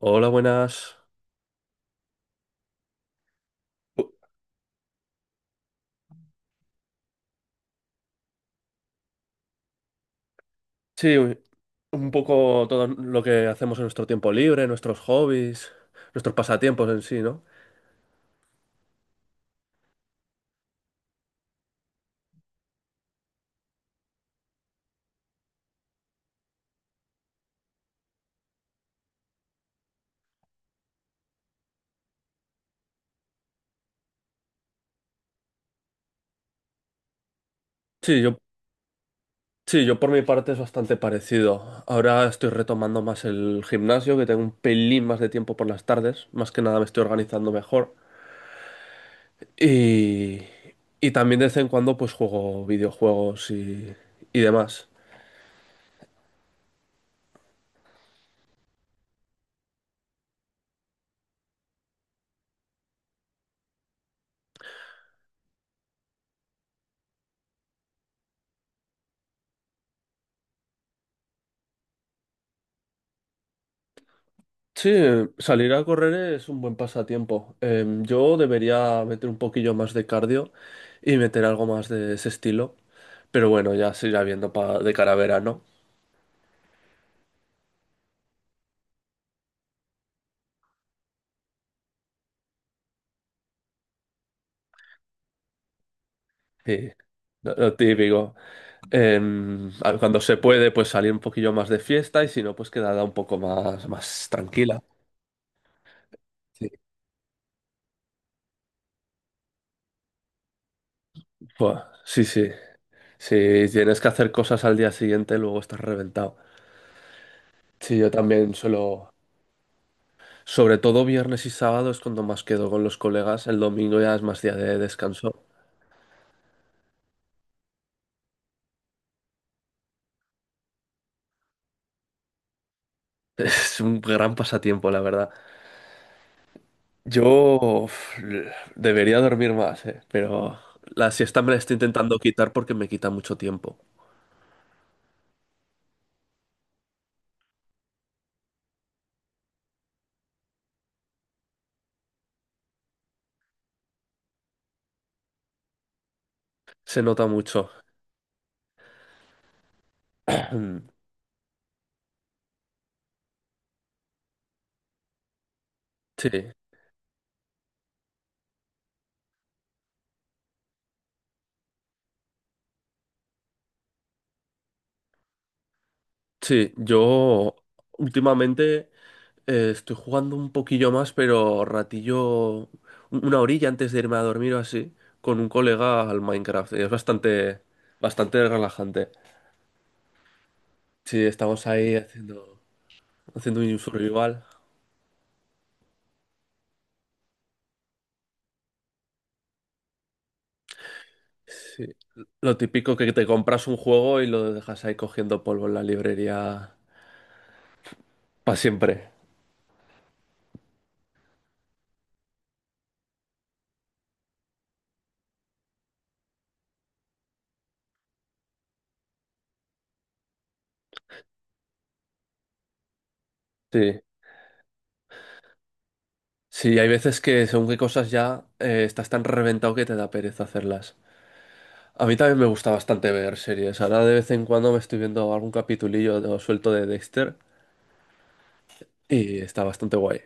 Hola, buenas. U- Sí, un poco todo lo que hacemos en nuestro tiempo libre, nuestros hobbies, nuestros pasatiempos en sí, ¿no? Sí, yo, sí, yo por mi parte es bastante parecido. Ahora estoy retomando más el gimnasio, que tengo un pelín más de tiempo por las tardes. Más que nada me estoy organizando mejor. Y, y también de vez en cuando pues juego videojuegos y demás. Sí, salir a correr es un buen pasatiempo. Yo debería meter un poquillo más de cardio y meter algo más de ese estilo. Pero bueno, ya se irá viendo de cara a verano. Sí, lo típico. Cuando se puede, pues salir un poquillo más de fiesta y si no, pues quedada un poco más, más tranquila. Sí. Buah, sí, sí. Si tienes que hacer cosas al día siguiente, luego estás reventado. Sí, yo también suelo. Sobre todo viernes y sábado es cuando más quedo con los colegas, el domingo ya es más día de descanso. Es un gran pasatiempo, la verdad. Yo, uf, debería dormir más, pero la siesta me la estoy intentando quitar porque me quita mucho tiempo. Se nota mucho. Sí, sí, yo últimamente estoy jugando un poquillo más, pero ratillo, una horilla antes de irme a dormir o así, con un colega al Minecraft. Y es bastante, bastante relajante. Sí, estamos ahí haciendo, haciendo un survival. Sí. Lo típico que te compras un juego y lo dejas ahí cogiendo polvo en la librería para siempre. Sí. Sí, hay veces que según qué cosas ya estás tan reventado que te da pereza hacerlas. A mí también me gusta bastante ver series. Ahora de vez en cuando me estoy viendo algún capitulillo suelto de Dexter y está bastante guay.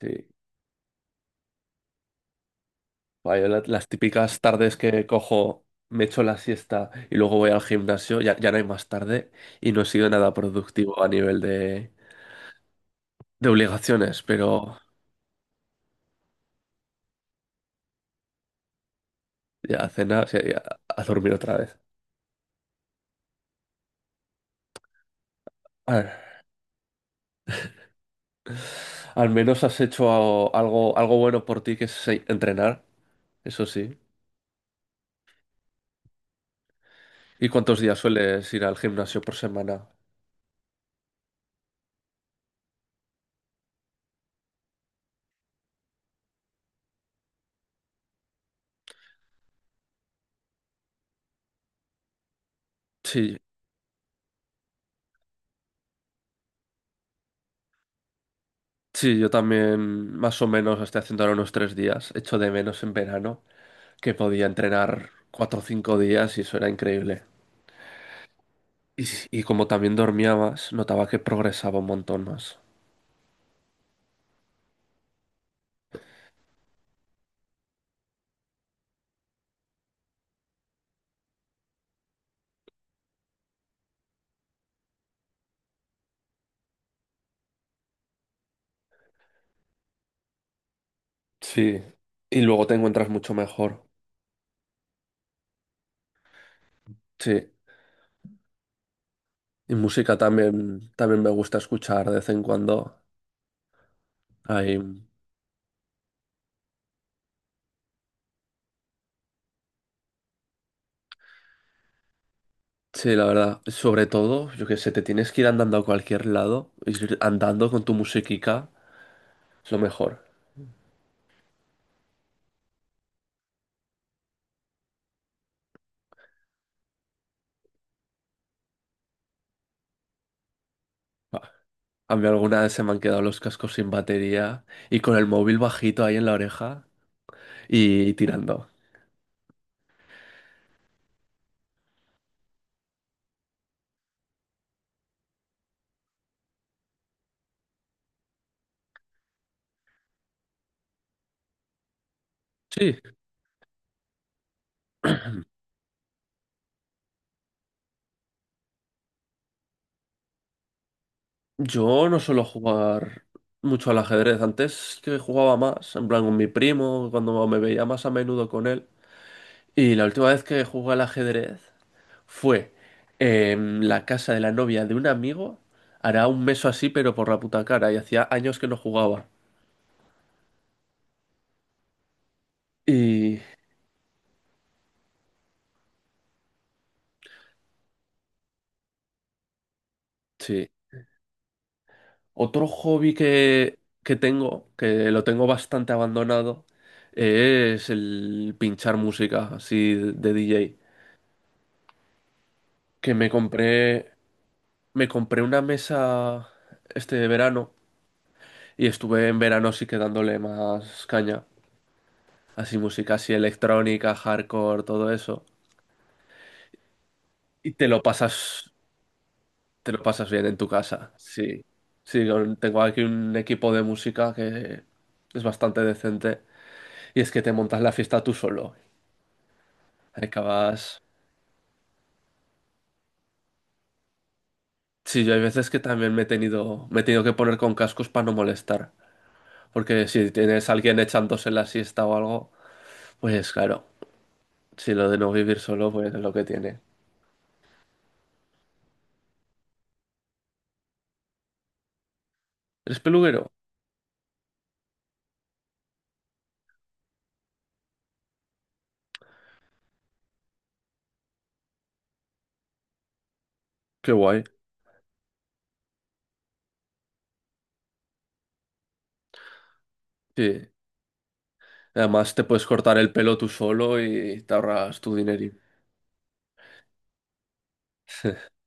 Sí. Vaya, las típicas tardes que cojo, me echo la siesta y luego voy al gimnasio, ya, ya no hay más tarde y no he sido nada productivo a nivel de obligaciones, pero ya a cenar, sí, ya a dormir otra vez. A ver, al menos has hecho algo, algo, algo bueno por ti, que es entrenar, eso sí. ¿Y cuántos días sueles ir al gimnasio por semana? Sí, sí, yo también más o menos estoy haciendo ahora unos tres días, echo de menos en verano, que podía entrenar cuatro o cinco días y eso era increíble. Y, y como también dormía más, notaba que progresaba un montón más. Sí, y luego te encuentras mucho mejor. Sí, y música también, también me gusta escuchar de vez en cuando. Ahí, sí, la verdad, sobre todo, yo que sé, te tienes que ir andando a cualquier lado, ir andando con tu musiquica, es lo mejor. Ah, a mí alguna vez se me han quedado los cascos sin batería y con el móvil bajito ahí en la oreja y tirando. Sí, yo no suelo jugar mucho al ajedrez. Antes que jugaba más, en plan con mi primo, cuando me veía más a menudo con él. Y la última vez que jugué al ajedrez fue en la casa de la novia de un amigo. Hará un mes o así, pero por la puta cara. Y hacía años que no jugaba. Y sí. Otro hobby que tengo, que lo tengo bastante abandonado, es el pinchar música así de DJ. Que me compré. Me compré una mesa este verano y estuve en verano sí que dándole más caña. Así música así electrónica, hardcore, todo eso. Y te lo pasas, Te lo pasas bien en tu casa. Sí. Sí, tengo aquí un equipo de música que es bastante decente. Y es que te montas la fiesta tú solo. Acabas. Sí, yo hay veces que también me he tenido que poner con cascos para no molestar. Porque si tienes a alguien echándose la siesta o algo, pues claro. Si lo de no vivir solo, pues es lo que tiene. ¿Eres peluquero? Qué guay. Sí. Además, te puedes cortar el pelo tú solo y te ahorras tu dinero.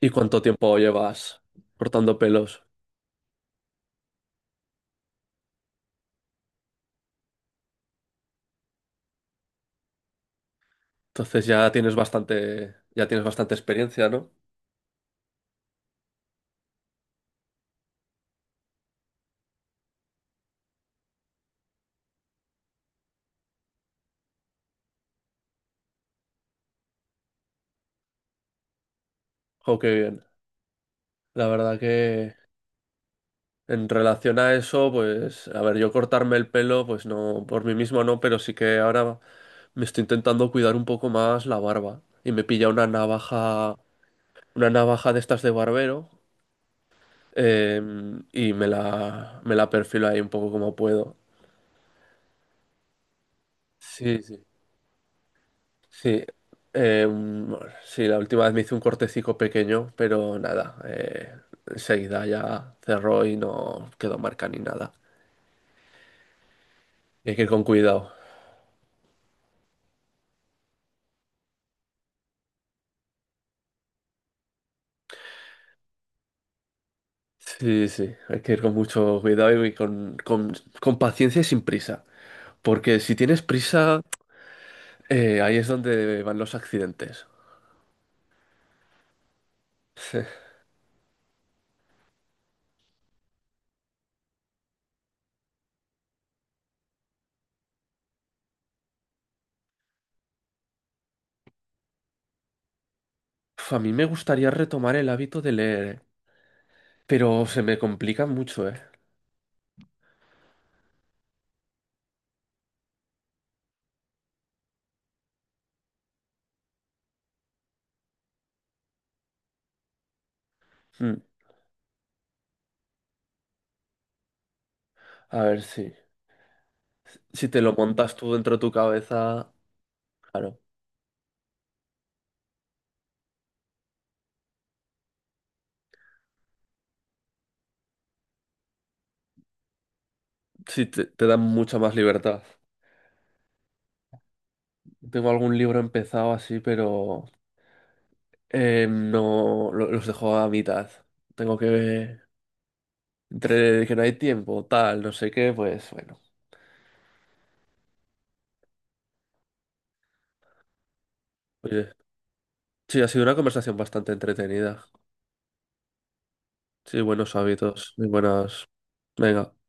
¿Y cuánto tiempo llevas cortando pelos? Entonces ya tienes bastante experiencia, ¿no? Jo, qué bien. La verdad que en relación a eso, pues, a ver, yo cortarme el pelo, pues no, por mí mismo no, pero sí que ahora me estoy intentando cuidar un poco más la barba. Y me pilla una navaja de estas de barbero. Eh, y me la perfilo ahí un poco como puedo. Sí, sí. Sí. Eh, sí, la última vez me hice un cortecico pequeño, pero nada. Enseguida ya cerró y no quedó marca ni nada. Y hay que ir con cuidado. Sí, sí. Hay que ir con mucho cuidado y con paciencia y sin prisa. Porque si tienes prisa, ahí es donde van los accidentes. Sí. Uf, a mí me gustaría retomar el hábito de leer, pero se me complica mucho, ¿eh? Mm. A ver, sí. Si te lo montas tú dentro de tu cabeza, claro. Sí, te dan mucha más libertad. Tengo algún libro empezado así, pero no lo- los dejo a mitad. Tengo que... Entre que no hay tiempo, tal, no sé qué, pues bueno. Oye, sí, ha sido una conversación bastante entretenida. Sí, buenos hábitos y buenas... Venga.